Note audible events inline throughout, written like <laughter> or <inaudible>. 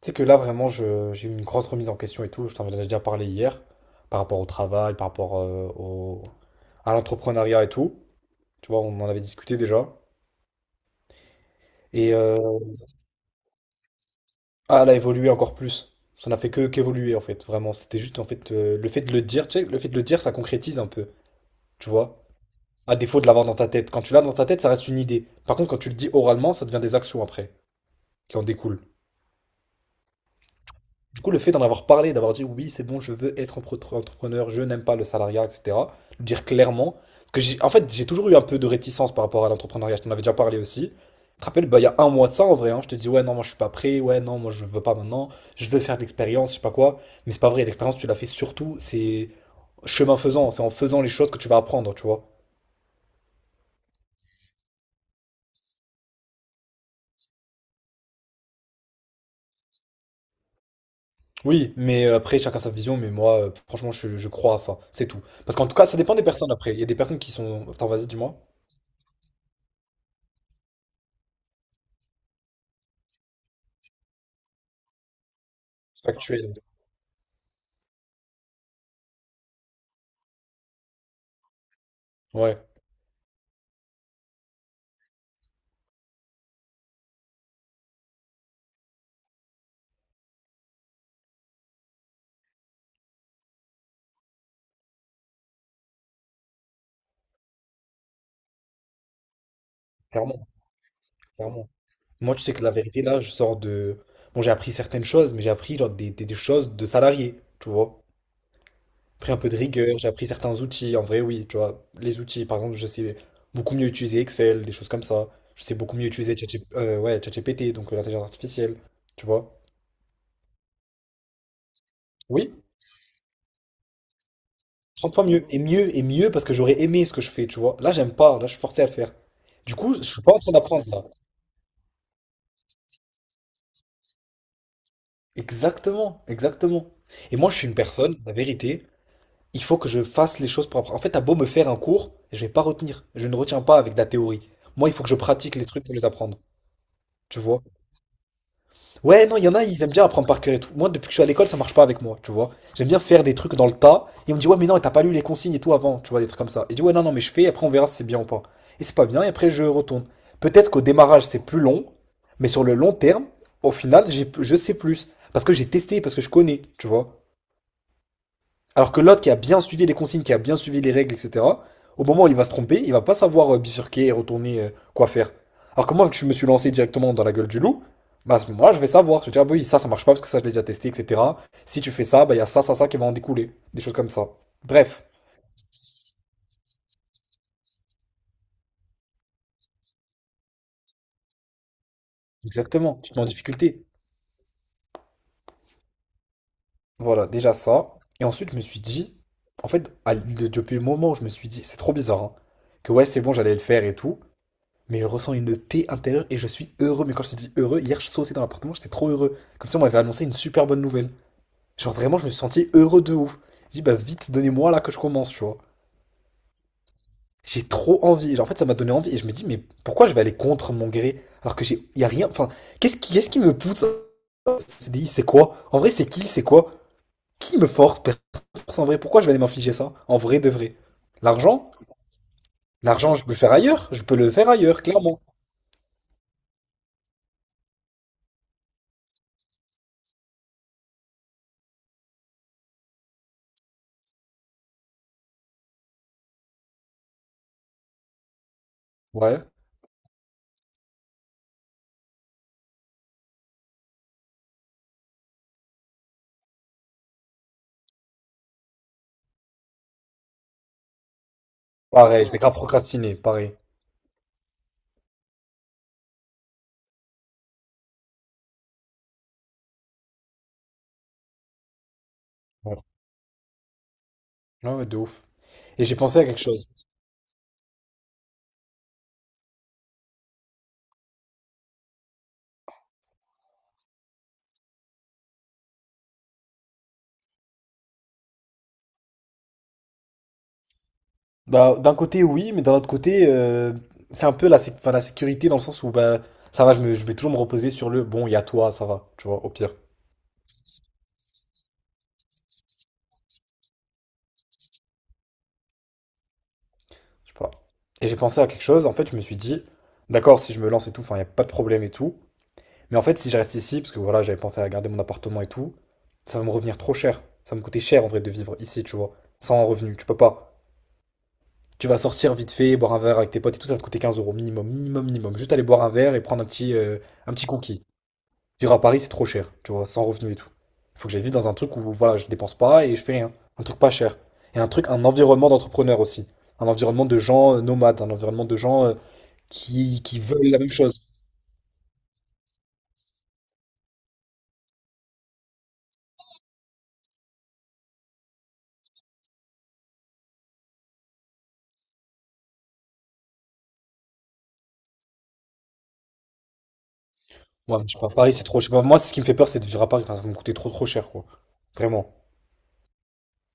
Tu sais que là, vraiment, j'ai eu une grosse remise en question et tout. Je t'en avais déjà parlé hier, par rapport au travail, par rapport à l'entrepreneuriat et tout. Tu vois, on en avait discuté déjà. Et euh, ah, elle a évolué encore plus. Ça n'a fait que qu'évoluer, en fait, vraiment. C'était juste, en fait, le fait de le dire, tu sais, le fait de le dire, ça concrétise un peu, tu vois. À défaut de l'avoir dans ta tête. Quand tu l'as dans ta tête, ça reste une idée. Par contre, quand tu le dis oralement, ça devient des actions après, qui en découlent. Du coup, le fait d'en avoir parlé, d'avoir dit oui, c'est bon, je veux être entrepreneur, je n'aime pas le salariat, etc. Le dire clairement. Parce que j'ai, en fait, j'ai toujours eu un peu de réticence par rapport à l'entrepreneuriat. Je t'en avais déjà parlé aussi. Tu te rappelles, bah, il y a un mois de ça en vrai, hein. Je te dis ouais, non, moi je suis pas prêt. Ouais, non, moi je veux pas maintenant. Je veux faire de l'expérience, je sais pas quoi. Mais c'est pas vrai. L'expérience, tu l'as fait surtout. C'est chemin faisant. C'est en faisant les choses que tu vas apprendre, tu vois. Oui, mais après, chacun sa vision, mais moi, franchement, je crois à ça, c'est tout. Parce qu'en tout cas, ça dépend des personnes après. Il y a des personnes qui sont… Attends, vas-y, dis-moi. C'est factuel. Ouais. Clairement, clairement. Moi, tu sais que la vérité, là, je sors de… Bon, j'ai appris certaines choses, mais j'ai appris genre des choses de salarié, tu vois. J'ai pris un peu de rigueur, j'ai appris certains outils. En vrai, oui, tu vois, les outils, par exemple, je sais beaucoup mieux utiliser Excel, des choses comme ça. Je sais beaucoup mieux utiliser ChatGPT, donc l'intelligence artificielle, tu vois. Oui, 30 fois mieux. Et mieux, et mieux, parce que j'aurais aimé ce que je fais, tu vois. Là, j'aime pas, là, je suis forcé à le faire. Du coup, je suis pas en train d'apprendre, là. Exactement, exactement. Et moi, je suis une personne, la vérité. Il faut que je fasse les choses propres. En fait, t'as beau me faire un cours, je vais pas retenir. Je ne retiens pas avec de la théorie. Moi, il faut que je pratique les trucs pour les apprendre. Tu vois? Ouais, non, il y en a, ils aiment bien apprendre par cœur et tout. Moi, depuis que je suis à l'école, ça marche pas avec moi, tu vois? J'aime bien faire des trucs dans le tas. Et on me dit, ouais, mais non, t'as pas lu les consignes et tout avant, tu vois, des trucs comme ça. Et je dis, ouais, non, non, mais je fais, et après on verra si c'est bien ou pas. Et c'est pas bien, et après je retourne. Peut-être qu'au démarrage, c'est plus long, mais sur le long terme, au final, j'ai, je sais plus. Parce que j'ai testé, parce que je connais, tu vois? Alors que l'autre qui a bien suivi les consignes, qui a bien suivi les règles, etc., au moment où il va se tromper, il va pas savoir bifurquer et retourner quoi faire. Alors que moi, vu que je me suis lancé directement dans la gueule du loup, bah à ce moment-là, je vais savoir. Je vais dire, ah, bah oui, ça marche pas parce que ça, je l'ai déjà testé, etc. Si tu fais ça, bah il y a ça, ça, ça qui va en découler. Des choses comme ça. Bref, exactement. Tu te mets en difficulté. Voilà, déjà ça. Et ensuite, je me suis dit, en fait, depuis le moment où je me suis dit, c'est trop bizarre, hein, que ouais, c'est bon, j'allais le faire et tout. Mais je ressens une paix intérieure et je suis heureux. Mais quand je te dis heureux, hier je sautais dans l'appartement, j'étais trop heureux. Comme ça, on m'avait annoncé une super bonne nouvelle. Genre vraiment, je me suis senti heureux de ouf. J'ai dit, bah vite, donnez-moi là que je commence, tu vois. J'ai trop envie. Genre, en fait, ça m'a donné envie et je me dis, mais pourquoi je vais aller contre mon gré alors que j'ai, y a rien. Enfin, qu'est-ce qui me pousse à ce CDI? C'est quoi? En vrai, c'est qui? C'est quoi? Qui me force? Personne me force en vrai. Pourquoi je vais aller m'infliger ça? En vrai, de vrai. L'argent? L'argent, je peux le faire ailleurs. Je peux le faire ailleurs, clairement. Ouais. Pareil, je vais grave procrastiner, pareil. Ouais, ouais, ouais, de ouf. Et j'ai pensé à quelque chose. Bah, d'un côté, oui, mais d'un autre côté, c'est un peu enfin, la sécurité dans le sens où bah, ça va, je vais toujours me reposer sur le bon, il y a toi, ça va, tu vois, au pire. Je sais pas. Et j'ai pensé à quelque chose, en fait, je me suis dit, d'accord, si je me lance et tout, enfin, il n'y a pas de problème et tout. Mais en fait, si je reste ici, parce que voilà, j'avais pensé à garder mon appartement et tout, ça va me revenir trop cher. Ça va me coûter cher en vrai de vivre ici, tu vois, sans revenu, tu peux pas. Tu vas sortir vite fait, boire un verre avec tes potes et tout, ça va te coûter 15 € minimum, minimum, minimum. Juste aller boire un verre et prendre un petit cookie. Vivre à Paris, c'est trop cher, tu vois, sans revenu et tout. Il faut que j'aille vivre dans un truc où, voilà, je dépense pas et je fais rien. Un truc pas cher. Et un truc, un environnement d'entrepreneur aussi. Un environnement de gens nomades, un environnement de gens qui veulent la même chose. Ouais, je sais pas, Paris, c'est trop, je sais pas, moi, ce qui me fait peur, c'est de vivre à Paris. Enfin, ça va me coûter trop, trop cher, quoi. Vraiment.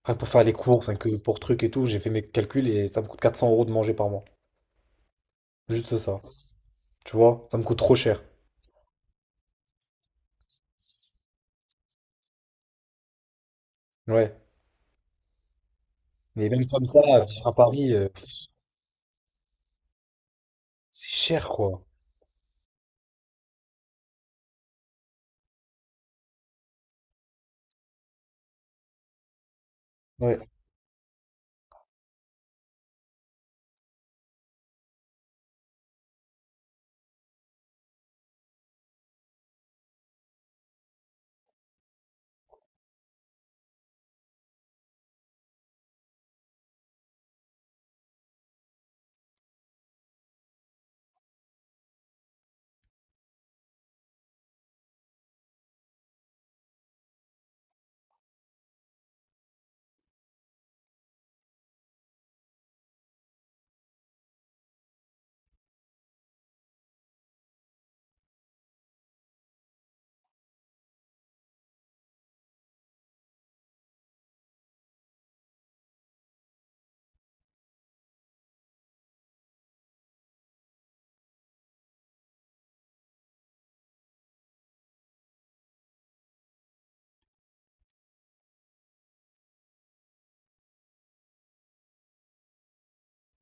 Rien que pour faire les courses, rien que pour trucs et tout, j'ai fait mes calculs et ça me coûte 400 € de manger par mois. Juste ça. Tu vois, ça me coûte trop cher. Ouais. Mais même comme ça, vivre à Paris, c'est cher, quoi. Ouais.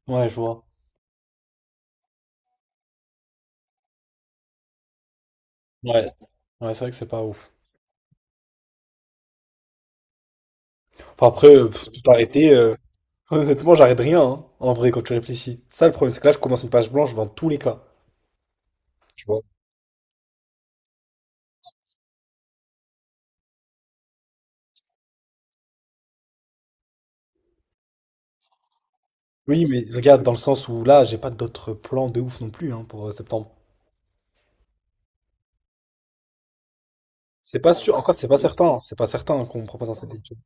Ouais, je vois. Ouais. Ouais, c'est vrai que c'est pas ouf. Enfin, après, tout arrêter, <laughs> honnêtement, j'arrête rien, hein, en vrai, quand tu réfléchis. Ça, le problème, c'est que là, je commence une page blanche dans tous les cas. Tu vois. Oui, mais regarde, dans le sens où là, j'ai pas d'autres plans de ouf non plus, hein, pour septembre. C'est pas sûr, encore, c'est pas certain, hein. C'est pas certain qu'on me propose un CDI, tu vois.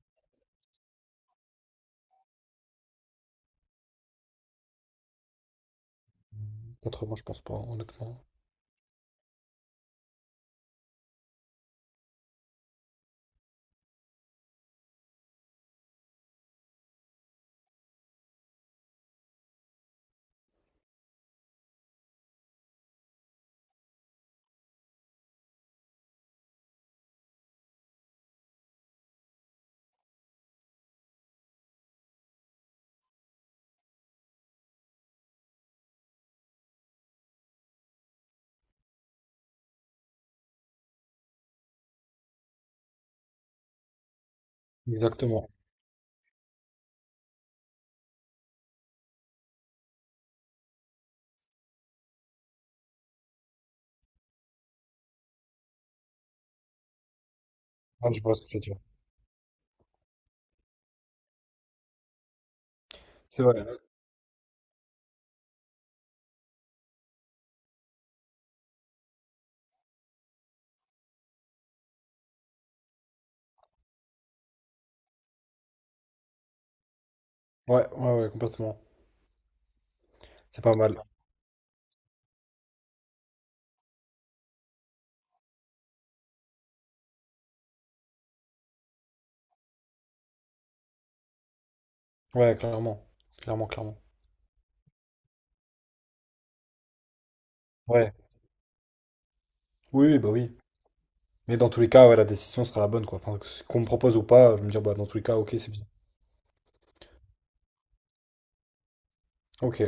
80, je pense pas, honnêtement. Exactement. Ouais, je vois ce que tu veux dire. C'est vrai. Ouais, ouais, ouais, complètement. C'est pas mal. Ouais, clairement. Clairement, clairement. Ouais. Oui, oui, bah oui. Mais dans tous les cas, ouais, la décision sera la bonne, quoi. Enfin, qu'on me propose ou pas, je vais me dire, bah, dans tous les cas, ok, c'est bien. Ok.